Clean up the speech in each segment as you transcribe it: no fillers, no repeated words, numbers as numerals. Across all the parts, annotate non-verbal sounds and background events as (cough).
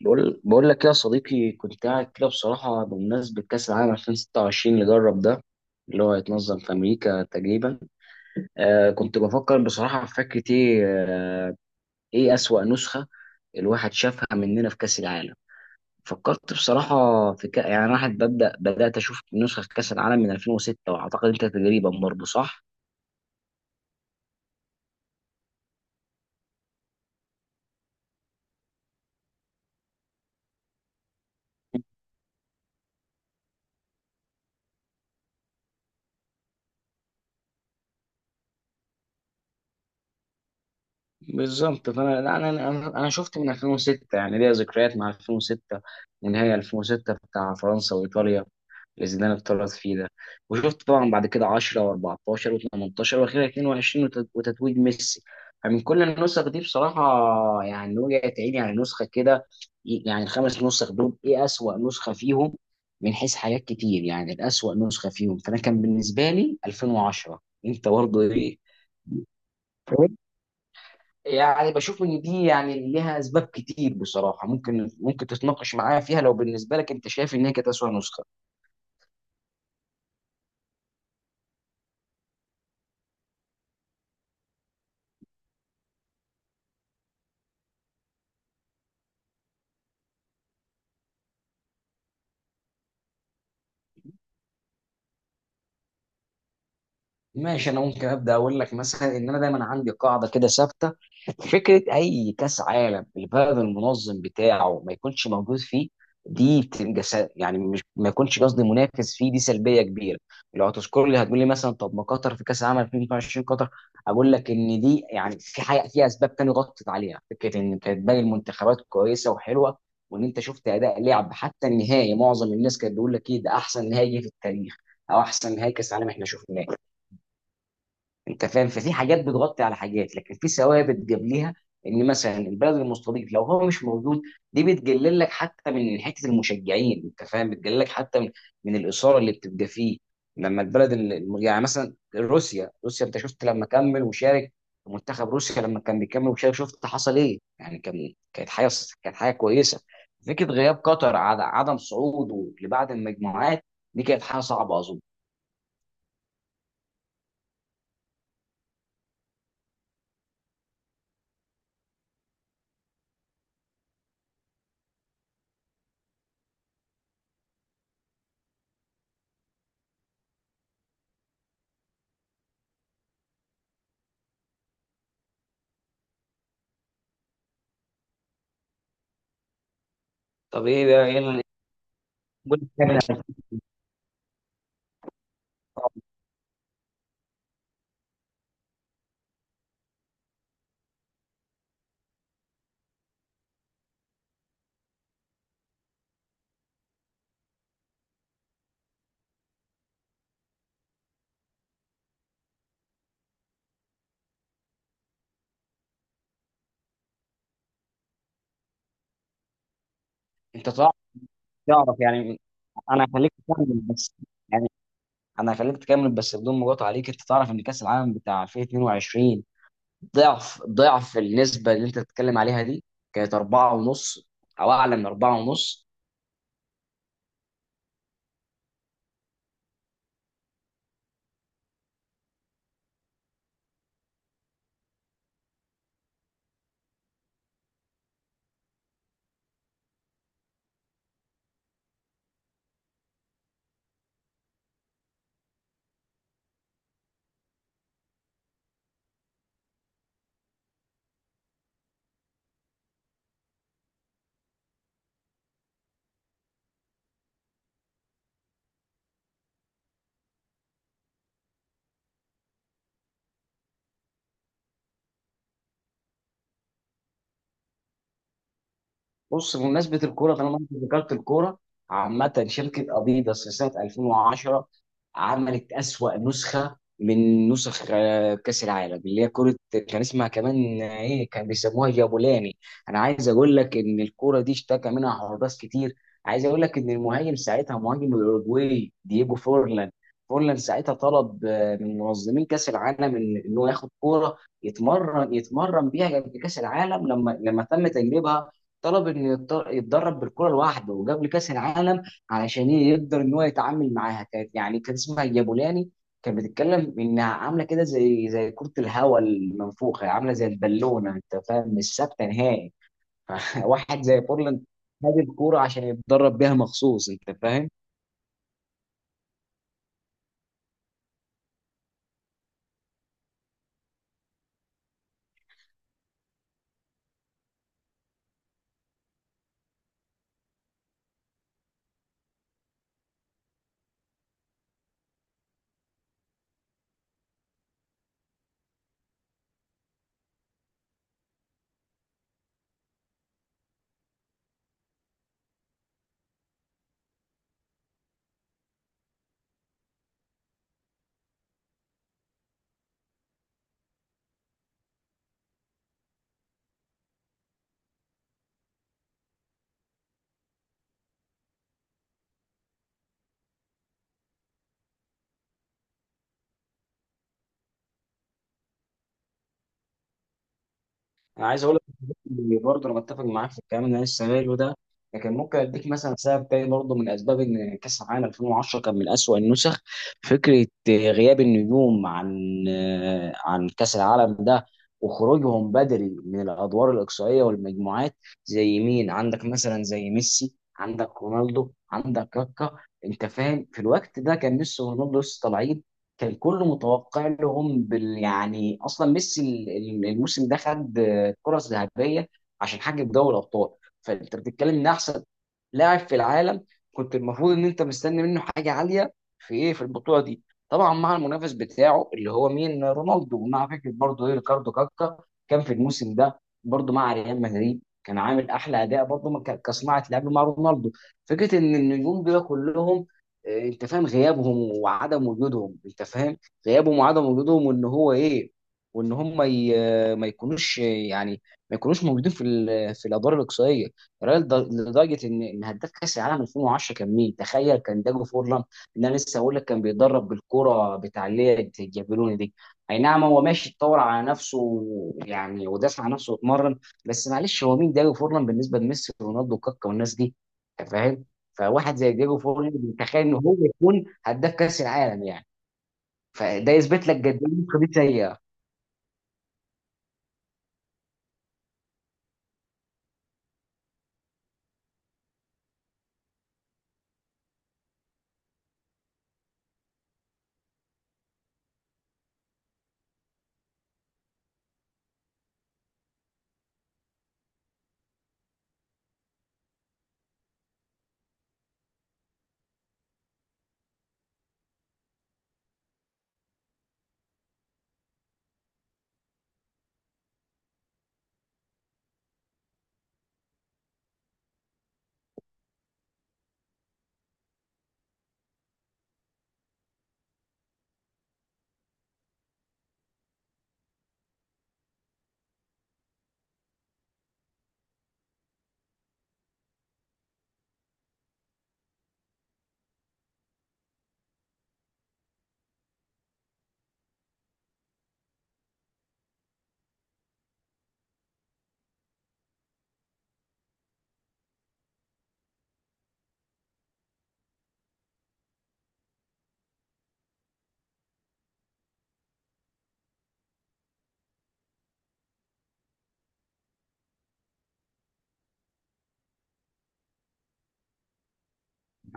بقول لك يا صديقي، كنت قاعد كده بصراحة. بمناسبة كأس العالم 2026 اللي جرب ده، اللي هو هيتنظم في أمريكا تقريبا، كنت بفكر بصراحة في فكرة، إيه أسوأ نسخة الواحد شافها مننا في كأس العالم. فكرت بصراحة، في يعني أنا واحد بدأت أشوف نسخة في كأس العالم من 2006، وأعتقد أنت تقريبا برضه صح؟ بالظبط. فانا لا، انا شفت من 2006، يعني ليا ذكريات مع 2006، ونهائي 2006 بتاع فرنسا وايطاليا اللي زيدان اتطرد فيه ده. وشفت طبعا بعد كده 10 و14 و18 واخيرا 22، وتتويج ميسي. فمن كل النسخ دي بصراحه، يعني وجعت عيني على نسخه كده. يعني الخمس نسخ دول، ايه اسوأ نسخه فيهم من حيث حاجات كتير، يعني الاسوأ نسخه فيهم؟ فانا كان بالنسبه لي 2010. انت برضه ايه؟ يعني بشوف ان دي يعني ليها اسباب كتير بصراحه، ممكن تتناقش معايا فيها لو بالنسبه لك انت شايف ان هي كانت اسوء نسخه. ماشي، انا ممكن ابدا اقول لك مثلا ان انا دايما عندي قاعده كده ثابته. فكره اي كاس عالم البلد المنظم بتاعه ما يكونش موجود فيه، دي بتبقى يعني مش، ما يكونش قصدي، منافس فيه، دي سلبيه كبيره. لو هتذكر لي هتقول لي مثلا، طب ما قطر في كاس العالم 2022، قطر. اقول لك ان دي يعني، في حاجه، في اسباب تانية غطت عليها فكره ان كانت باقي المنتخبات كويسه وحلوه. وان انت شفت اداء لعب حتى النهائي، معظم الناس كانت بيقول لك ايه ده احسن نهائي جه في التاريخ، او احسن نهائي كاس عالم احنا شفناه. انت فاهم. ففي حاجات بتغطي على حاجات، لكن في ثوابت جاب. ان مثلا البلد المستضيف لو هو مش موجود، دي بتقلل لك حتى من حته المشجعين، انت فاهم، بتقلل لك حتى من الاثاره اللي بتبقى فيه. لما البلد يعني مثلا روسيا، انت شفت لما كمل وشارك في منتخب روسيا، لما كان بيكمل وشارك شفت حصل ايه. يعني كانت حاجه، كانت حاجه كويسه. فكره غياب قطر، عدم صعوده لبعض المجموعات، دي كانت حاجه صعبه اظن. طب ايه بقى، ايه انت تعرف. يعني انا هخليك تكمل بس يعني انا هخليك تكمل بس بدون مقاطعه عليك. انت تعرف ان كاس العالم بتاع 2022، ضعف النسبه اللي انت بتتكلم عليها دي، كانت 4 ونص، او اعلى من 4 ونص. بص، بمناسبة الكورة، طالما انت ذكرت الكورة، عامة شركة اديداس في سنة 2010 عملت أسوأ نسخة من نسخ كأس العالم اللي هي كرة، كان اسمها كمان، ايه، كان بيسموها جابولاني. انا عايز اقول لك ان الكرة دي اشتكى منها حراس كتير. عايز اقول لك ان المهاجم ساعتها، مهاجم الاوروجواي دييجو فورلان، فورلان ساعتها طلب من منظمين كأس العالم إن هو ياخد كورة يتمرن بيها قبل كأس العالم، لما تم تجربها. طلب انه يتدرب بالكره لوحده وقبل كاس العالم علشان يقدر ان هو يتعامل معاها. كانت، يعني كان اسمها جابولاني. كانت بتتكلم انها عامله كده زي كره الهواء المنفوخه، عامله زي البالونه، انت فاهم، مش ثابته نهائي. (laughs) واحد زي بورلاند خد الكوره عشان يتدرب بيها مخصوص، انت فاهم. انا عايز اقول لك برضه، انا متفق معاك في الكلام اللي انا لسه قايله ده، لكن ممكن اديك مثلا سبب تاني برضه من اسباب ان كاس العالم 2010 كان من اسوأ النسخ: فكره غياب النجوم عن كاس العالم ده، وخروجهم بدري من الادوار الاقصائيه والمجموعات. زي مين عندك؟ مثلا زي ميسي، عندك رونالدو، عندك كاكا. انت فاهم، في الوقت ده كان ميسي ورونالدو لسه طالعين، كان كله متوقع لهم بال، يعني اصلا ميسي الموسم ده خد، كانت فرص ذهبيه عشان حقق دوري الابطال. فانت بتتكلم ان احسن لاعب في العالم، كنت المفروض ان انت مستني منه حاجه عاليه في ايه، في البطوله دي. طبعا مع المنافس بتاعه اللي هو مين؟ رونالدو، ومع فكره برضه ايه، ريكاردو كاكا. كان في الموسم ده برضه مع ريال مدريد كان عامل احلى اداء برضه كصناعه لعب مع رونالدو. فكره ان النجوم دول كلهم، انت فاهم، غيابهم وعدم وجودهم، انت فاهم، غيابهم وعدم وجودهم، وان هو ايه، وان هم ما يكونوش يعني ما يكونوش موجودين في في الادوار الاقصائيه. الراجل لدرجه ان هداف كاس العالم 2010 كان مين تخيل؟ كان داجو فورلان، اللي انا لسه هقول لك كان بيتدرب بالكره بتاع اللي هي الجابلوني دي. اي نعم، هو ماشي اتطور على نفسه يعني، ودافع عن نفسه واتمرن. بس معلش، هو مين داجو فورلان بالنسبه لميسي ورونالدو وكاكا والناس دي؟ أنت فاهم. فواحد زي ديجو فورلان تخيل ان هو يكون هداف كاس العالم، يعني. فده يثبت لك قد ايه القضيه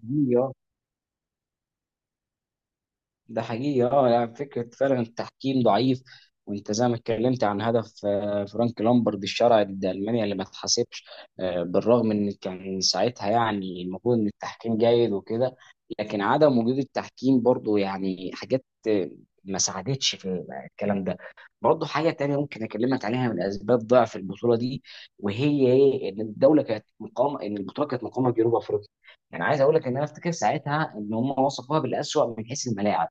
سيئه. ده حقيقي، اه، يعني فكره فعلا التحكيم ضعيف. وانت زي ما اتكلمت عن هدف فرانك لامبرد الشرعي ضد المانيا اللي ما اتحسبش، بالرغم ان كان ساعتها يعني المفروض ان التحكيم جيد وكده. لكن عدم وجود التحكيم برضو يعني حاجات، ما ساعدتش في الكلام ده. برضو حاجه تانية ممكن اكلمك عليها من اسباب ضعف البطوله دي، وهي ايه؟ ان الدوله كانت مقامه، ان البطوله كانت مقامه في جنوب افريقيا. يعني عايز اقول لك ان انا افتكر ساعتها ان هم وصفوها بالاسوأ من حيث الملاعب.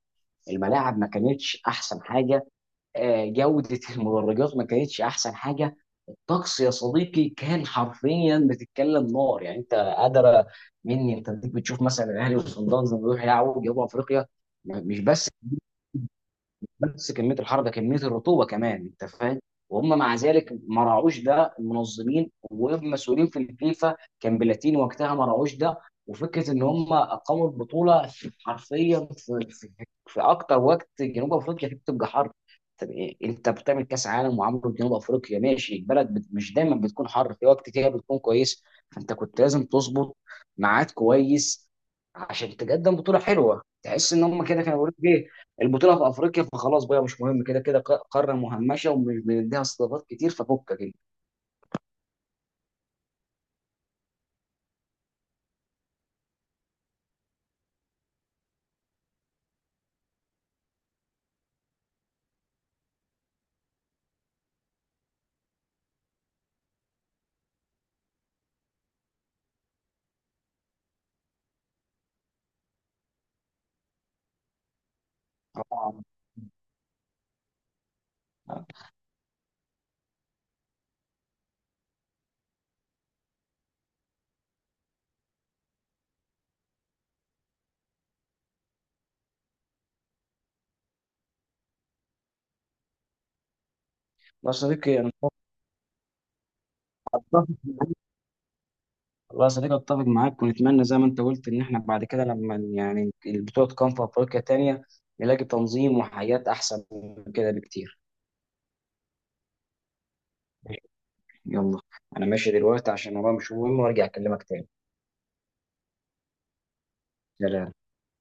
الملاعب ما كانتش احسن حاجه، جوده (laughs) المدرجات ما كانتش احسن حاجه. الطقس يا صديقي كان حرفيا بتتكلم نار، يعني انت قادره مني، انت ديك بتشوف مثلا الاهلي وصن داونز لما يروح يلعبوا جنوب افريقيا. مش بس كميه الحر ده، كميه الرطوبه كمان، انت فاهم. وهم مع ذلك ما راعوش ده، المنظمين والمسؤولين في الفيفا كان بلاتيني وقتها، ما راعوش ده. وفكره ان هم اقاموا البطوله حرفيا في اكتر وقت جنوب افريقيا فيه بتبقى حر. طب إيه؟ انت بتعمل كاس عالم وعامله في جنوب افريقيا؟ ماشي، البلد مش دايما بتكون حر، في وقت كده بتكون كويس. فانت كنت لازم تظبط ميعاد كويس عشان تقدم بطوله حلوه. تحس ان هم كده كانوا بيقولوا ايه، البطوله في افريقيا فخلاص بقى مش مهم، كده كده قاره مهمشه ومش بنديها استضافات كتير، ففكك انت. طبعاً. والله يا صديقي انا متفق والله يا صديقي اتفق معاك، ونتمنى زي ما انت قلت ان احنا بعد كده لما يعني البطوله تقام في افريقيا تانية نلاقي تنظيم وحياه احسن من كده بكتير. يلا، انا ماشي دلوقتي عشان ورايا مش مهم، وارجع اكلمك تاني. سلام.